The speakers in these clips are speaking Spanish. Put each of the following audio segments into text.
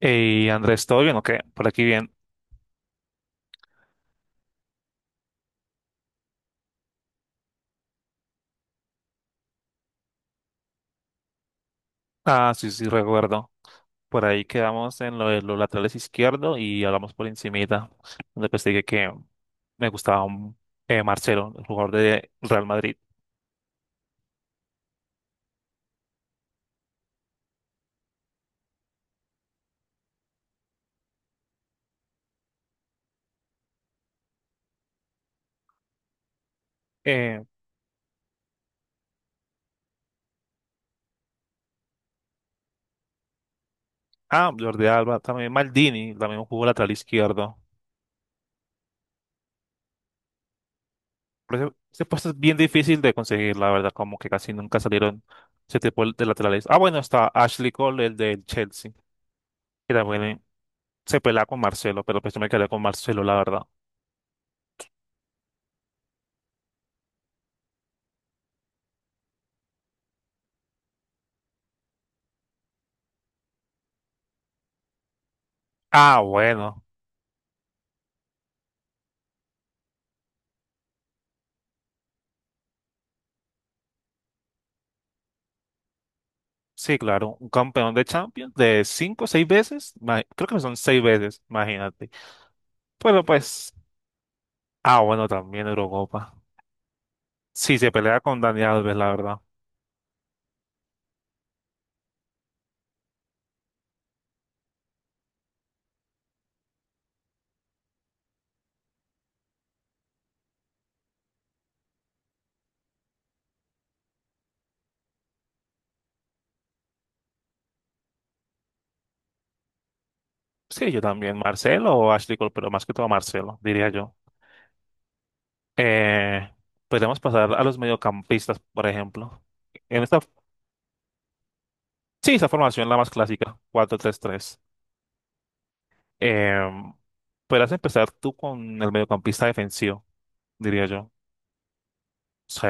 Hey, Andrés, ¿todo bien o qué? Por aquí bien. Ah, sí, sí, recuerdo. Por ahí quedamos en lo de los laterales izquierdo y hablamos por encimita, donde pues dije que me gustaba un, Marcelo, el jugador de Real Madrid. Eh, ah, Jordi Alba, también Maldini, también jugó lateral izquierdo. Pero ese puesto es bien difícil de conseguir, la verdad, como que casi nunca salieron ese tipo de laterales. Ah, bueno, está Ashley Cole, el del Chelsea, que también se pelea con Marcelo, pero pues yo me quedé con Marcelo, la verdad. Ah, bueno. Sí, claro, un campeón de Champions de cinco o seis veces, creo que son seis veces, imagínate. Pero pues, ah, bueno, también Eurocopa. Sí, se pelea con Dani Alves, la verdad. Sí, yo también, Marcelo o Ashley Cole, pero más que todo Marcelo, diría yo. Eh, Podemos pasar a los mediocampistas, por ejemplo. En esta, sí, esta formación la más clásica, 4-3-3. Eh, Podrás empezar tú con el mediocampista defensivo, diría yo. Sí.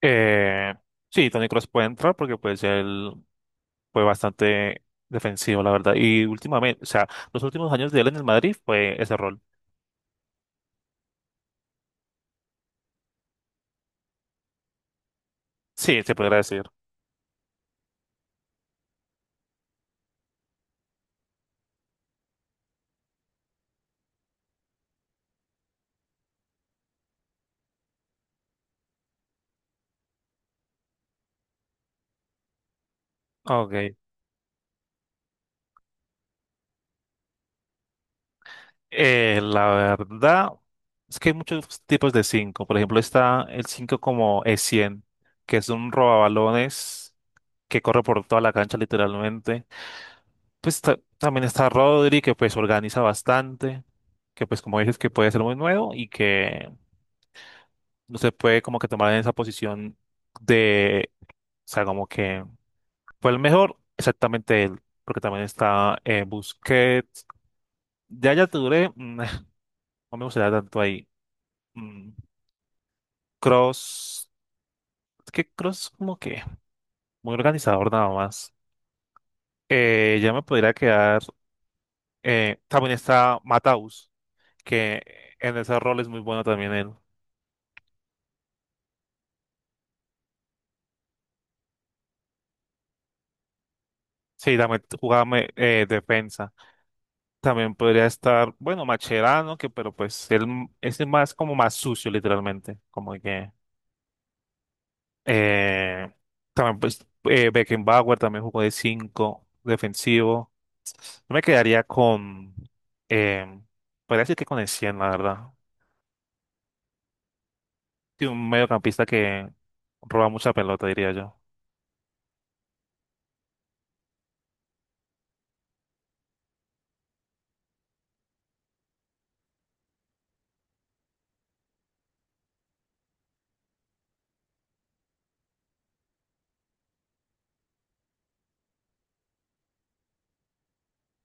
Eh, sí, Tony Cross puede entrar porque pues él fue bastante defensivo, la verdad. Y últimamente, o sea, los últimos años de él en el Madrid fue ese rol. Sí, se podría decir. Ok. La verdad es que hay muchos tipos de 5. Por ejemplo, está el 5 como E100, que es un robabalones que corre por toda la cancha literalmente. Pues también está Rodri, que pues organiza bastante, que pues como dices que puede ser muy nuevo y que usted puede como que tomar en esa posición de, o sea, como que fue el mejor, exactamente él, porque también está Busquets, ya ya Touré, mm, no me gustaría tanto ahí, mm, Cross, es que Cross como que muy organizador nada más, ya me podría quedar, también está Mataus, que en ese rol es muy bueno también él, sí, también jugaba defensa. También podría estar, bueno, Macherano, que pero pues él es el más como más sucio literalmente, como que eh, también pues Beckenbauer también jugó de 5 defensivo. Yo me quedaría con eh, podría decir que con el 100 la verdad. Sí, un mediocampista que roba mucha pelota, diría yo.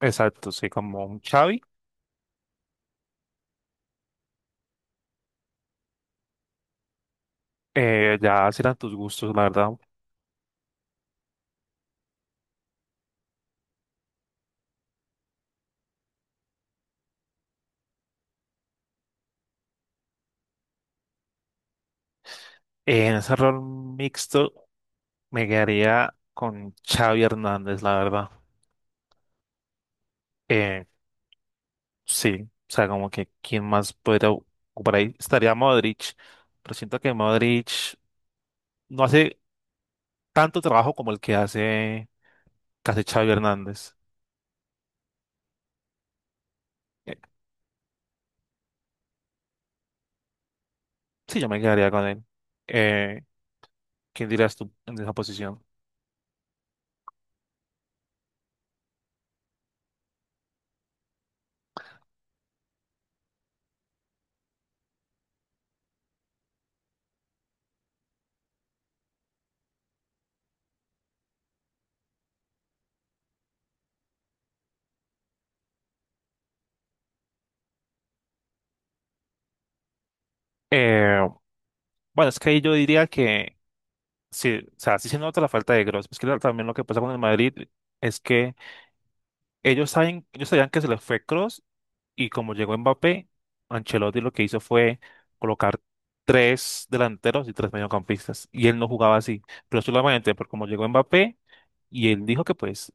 Exacto, sí, como un Xavi. Ya serán tus gustos, la verdad. En ese rol mixto me quedaría con Xavi Hernández, la verdad. Eh, Sí, o sea, como que quién más podría ocupar ahí. Estaría Modric, pero siento que Modric no hace tanto trabajo como el que hace casi Xavi Hernández. Eh, sí, yo me quedaría con él. Eh, ¿Quién dirías tú en esa posición? Eh, bueno, es que ahí yo diría que sí, o sea, sí se nota la falta de Kroos. Es que también lo que pasa con el Madrid es que ellos saben, ellos sabían que se les fue Kroos. Y como llegó Mbappé, Ancelotti lo que hizo fue colocar tres delanteros y tres mediocampistas. Y él no jugaba así, pero solamente por como llegó Mbappé y él dijo que pues,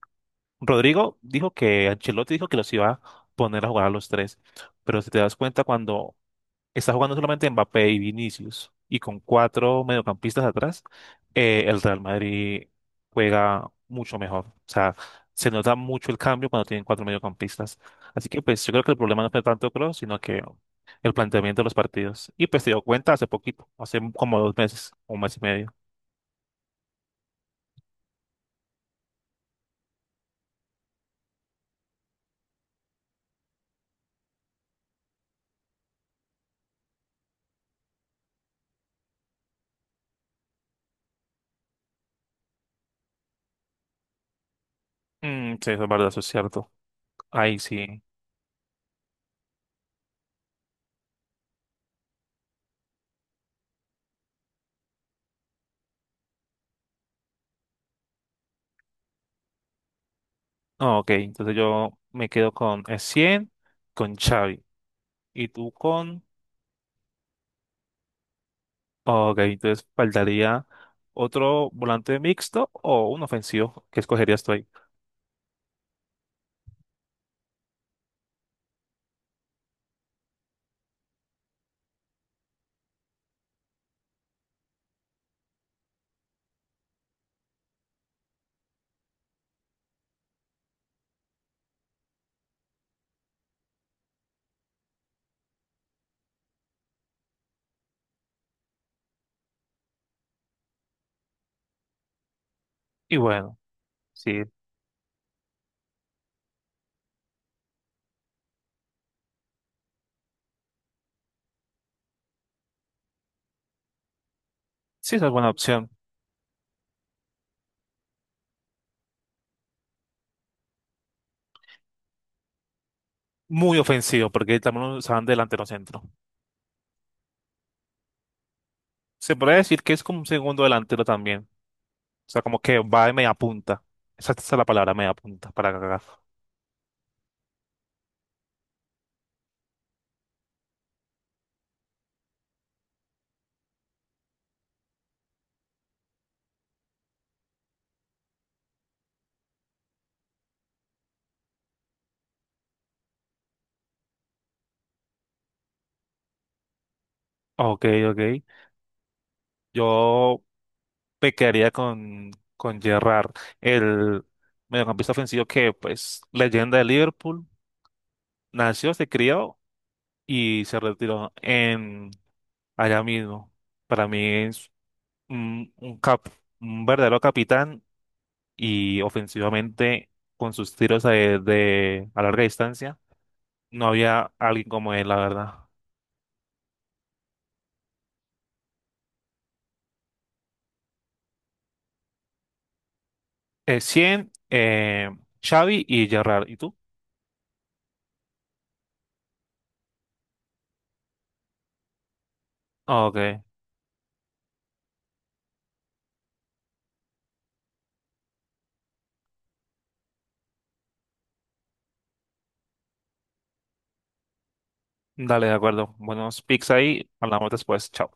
Rodrigo dijo que Ancelotti dijo que los iba a poner a jugar a los tres. Pero si te das cuenta, cuando está jugando solamente Mbappé y Vinicius, y con cuatro mediocampistas atrás, el Real Madrid juega mucho mejor. O sea, se nota mucho el cambio cuando tienen cuatro mediocampistas. Así que pues yo creo que el problema no fue tanto Kroos, sino que el planteamiento de los partidos. Y pues se dio cuenta hace poquito, hace como 2 meses, un mes y medio. Mm, sí, eso es verdad, eso es cierto. Ahí sí. Ah, ok, entonces yo me quedo con 100, con Xavi. ¿Y tú con? Ok, entonces faltaría otro volante mixto o un ofensivo que escogerías tú ahí. Y bueno, sí, sí, esa es buena opción. Muy ofensivo, porque también usaban delantero centro. Se podría decir que es como un segundo delantero también. O sea, como que va de media punta. Esa es la palabra, media punta, para cagar. Ok, ok. Yo me quedaría con, Gerrard, el mediocampista ofensivo que, pues, leyenda de Liverpool. Nació, se crió y se retiró en allá mismo. Para mí es un cap, un verdadero capitán y ofensivamente con sus tiros a larga distancia no había alguien como él, la verdad. 100, Xavi y Gerrard. ¿Y tú? Ok, dale, de acuerdo. Buenos picks ahí. Hablamos después. Chao.